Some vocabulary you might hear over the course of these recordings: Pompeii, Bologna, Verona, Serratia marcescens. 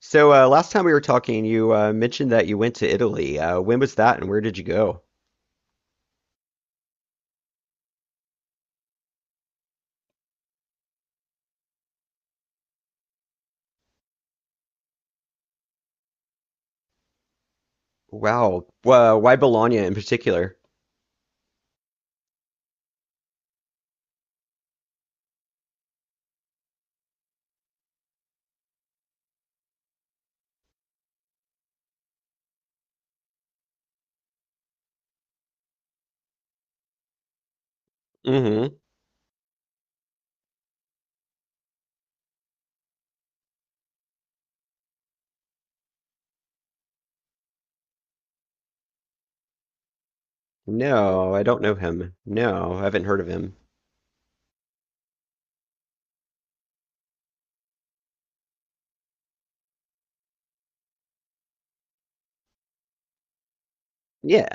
So last time we were talking, you mentioned that you went to Italy. When was that, and where did you go? Wow. Why Bologna in particular? Hmm. No, I don't know him. No, I haven't heard of him. Yeah,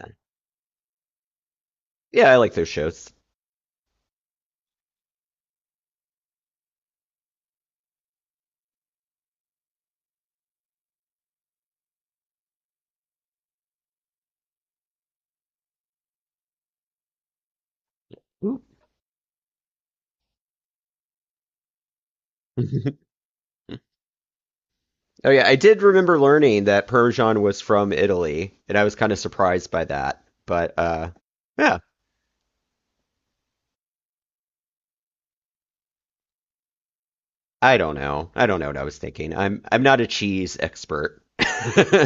yeah, I like those shows. Ooh. Oh yeah, I did remember learning that Parmesan was from Italy, and I was kind of surprised by that. But yeah, I don't know. I don't know what I was thinking. I'm not a cheese expert.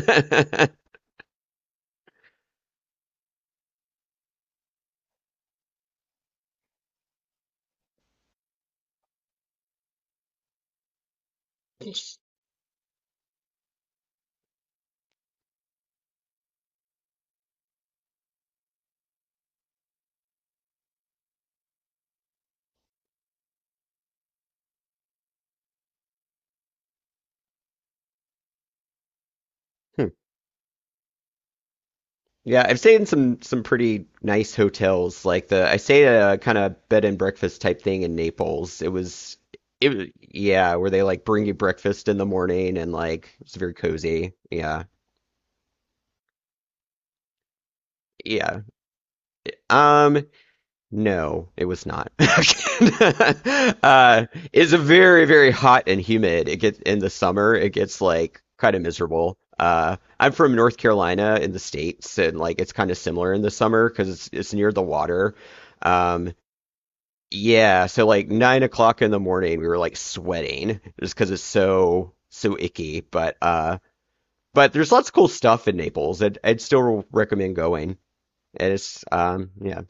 Yeah, I've stayed in some pretty nice hotels. Like the I stayed at a kind of bed and breakfast type thing in Naples. It was it was- yeah, where they like bring you breakfast in the morning and like it's very cozy. Yeah. Yeah. Um, no, it was not. Uh, it's a very hot and humid. It gets in the summer, it gets like kind of miserable. Uh, I'm from North Carolina in the States and like it's kind of similar in the summer because it's near the water. Um, Yeah, so like 9 o'clock in the morning, we were like sweating just because it's so icky. But there's lots of cool stuff in Naples. I'd still recommend going. And it's um, yeah.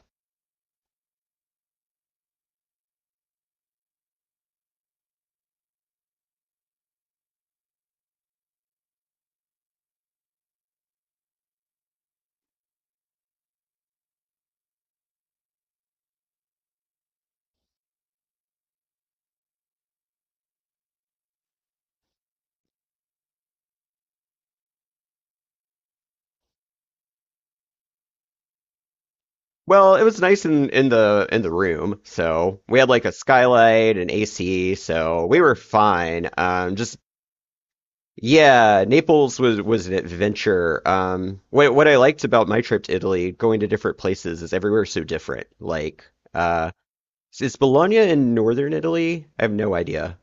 Well, it was nice in in the room. So we had like a skylight and AC, so we were fine. Just yeah, Naples was an adventure. What I liked about my trip to Italy, going to different places, is everywhere so different. Like uh. Is Bologna in northern Italy? I have no idea.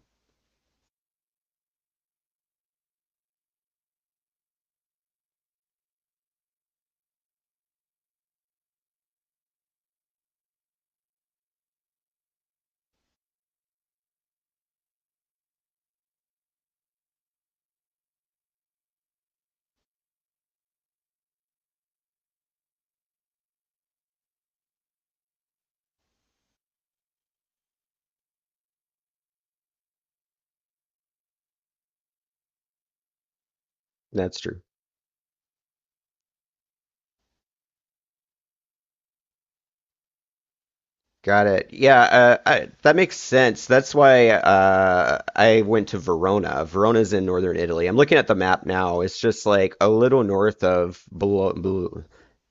That's true. Got it. Yeah, that makes sense. That's why I went to Verona. Verona's in northern Italy. I'm looking at the map now. It's just like a little north of Bologna.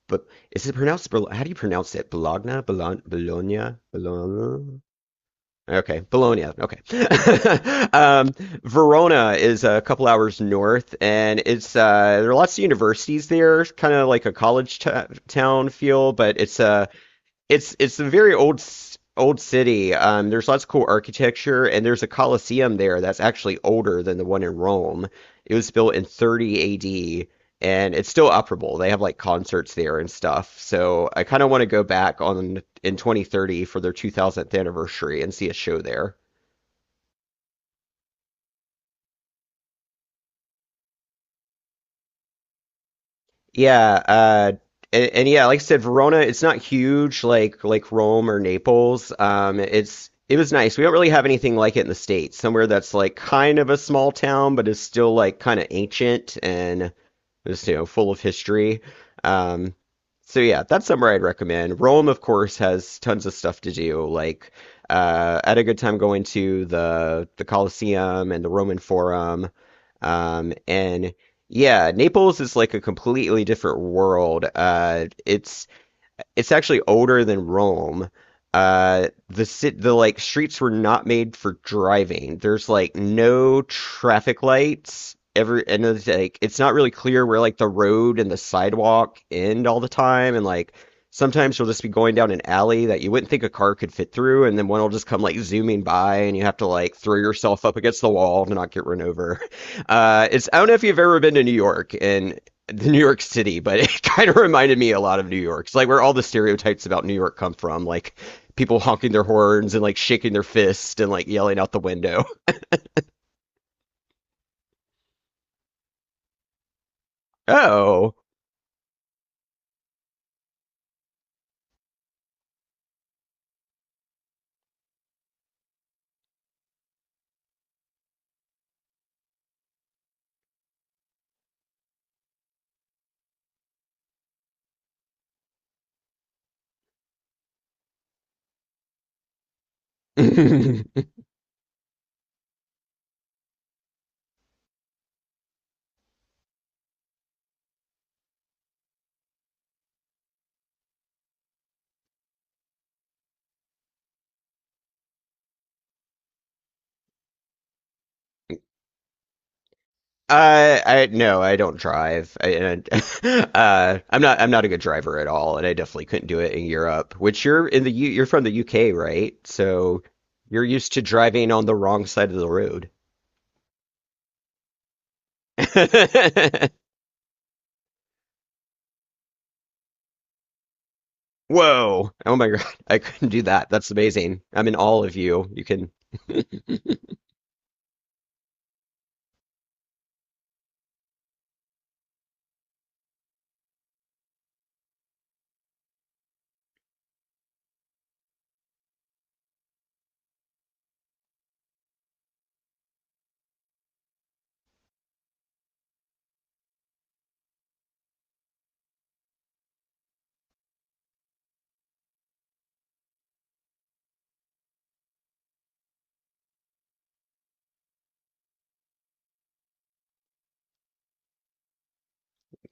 But is it pronounced? Bolo- How do you pronounce it? Bologna? Bologna? Bologna? Bologna? Okay, Bologna. Okay. Um, Verona is a couple hours north, and it's there are lots of universities there, kind of like a college t town feel, but it's it's a very old city. There's lots of cool architecture, and there's a Colosseum there that's actually older than the one in Rome. It was built in 30 AD, and it's still operable. They have like concerts there and stuff. So I kind of want to go back on in 2030 for their 2000th anniversary and see a show there. Yeah, and yeah, like I said, Verona, it's not huge like Rome or Naples. It's it was nice. We don't really have anything like it in the States. Somewhere that's like kind of a small town, but is still like kind of ancient and it's you know full of history. Um, so yeah, that's somewhere I'd recommend. Rome, of course, has tons of stuff to do. Like I had a good time going to the Colosseum and the Roman Forum. And yeah, Naples is like a completely different world. It's actually older than Rome. The sit the like streets were not made for driving. There's like no traffic lights. Every and it's like it's not really clear where like the road and the sidewalk end all the time. And like sometimes you'll just be going down an alley that you wouldn't think a car could fit through, and then one will just come like zooming by, and you have to like throw yourself up against the wall to not get run over. It's I don't know if you've ever been to New York, and the New York City, but it kind of reminded me a lot of New York. It's like where all the stereotypes about New York come from, like people honking their horns and like shaking their fists and like yelling out the window. Oh. I no, I don't drive. I'm not a good driver at all, and I definitely couldn't do it in Europe. Which you're from the UK, right? So you're used to driving on the wrong side of the road. Whoa! Oh my God, I couldn't do that. That's amazing. I'm in all of you. You can.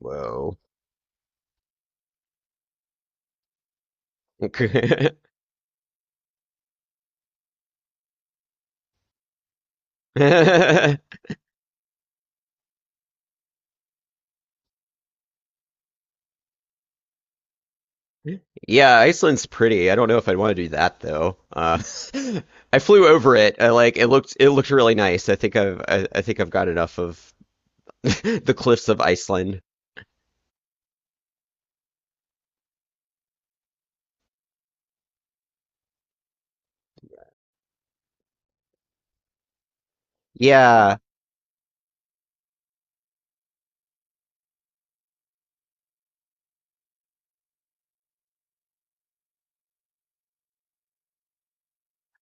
Whoa. Yeah, Iceland's pretty. I don't know if I'd want to do that though. I flew over it. I like it looked really nice. I think I think I've got enough of the cliffs of Iceland. Yeah.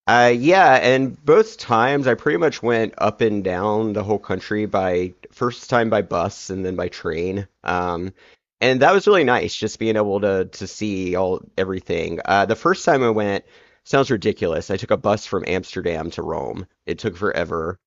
Yeah, and both times I pretty much went up and down the whole country by first time by bus and then by train. And that was really nice, just being able to see all everything. The first time I went sounds ridiculous. I took a bus from Amsterdam to Rome. It took forever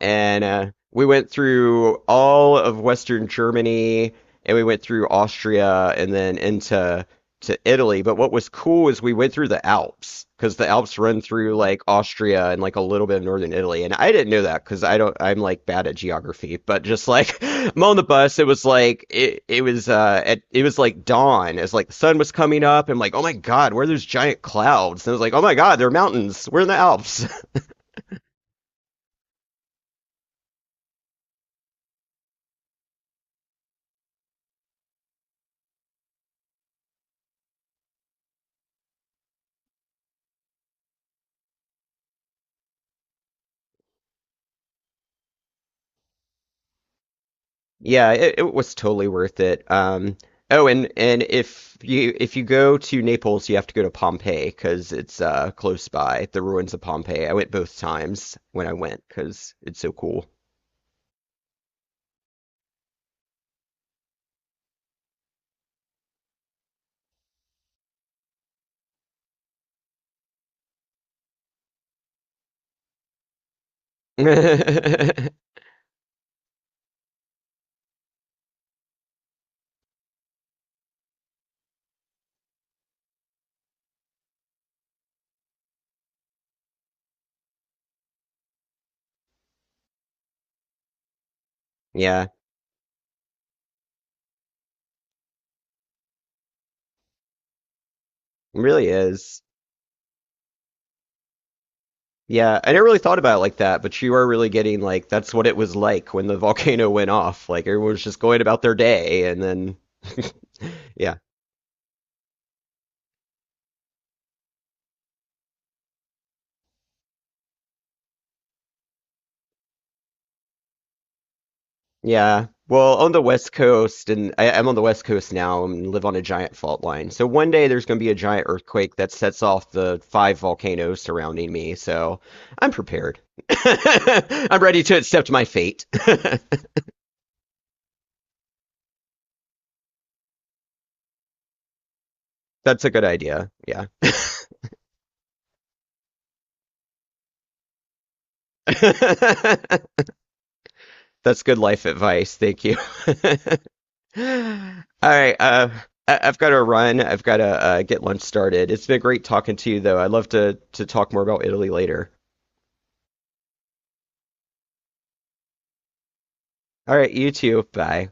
and we went through all of Western Germany, and we went through Austria, and then into to Italy. But what was cool is we went through the Alps because the Alps run through like Austria and like a little bit of northern Italy. And I didn't know that because I don't, I'm like bad at geography. But just like I'm on the bus, it was like it was it was like dawn as like the sun was coming up. I'm like, oh my God, where are those giant clouds? And I was like, oh my God, they're mountains. We're in the Alps. Yeah, it was totally worth it. Oh, and if you go to Naples, you have to go to Pompeii because it's close by, the ruins of Pompeii. I went both times when I went because it's so cool. Yeah, it really is. Yeah, I never really thought about it like that, but you are really getting like that's what it was like when the volcano went off. Like everyone was just going about their day, and then yeah. Yeah. Well, on the West Coast, and I'm on the West Coast now and live on a giant fault line. So one day there's going to be a giant earthquake that sets off the 5 volcanoes surrounding me. So I'm prepared. I'm ready to accept my fate. That's a good idea. Yeah. That's good life advice. Thank you. All right. I've got to run. I've got to get lunch started. It's been great talking to you, though. I'd love to talk more about Italy later. All right, you too. Bye.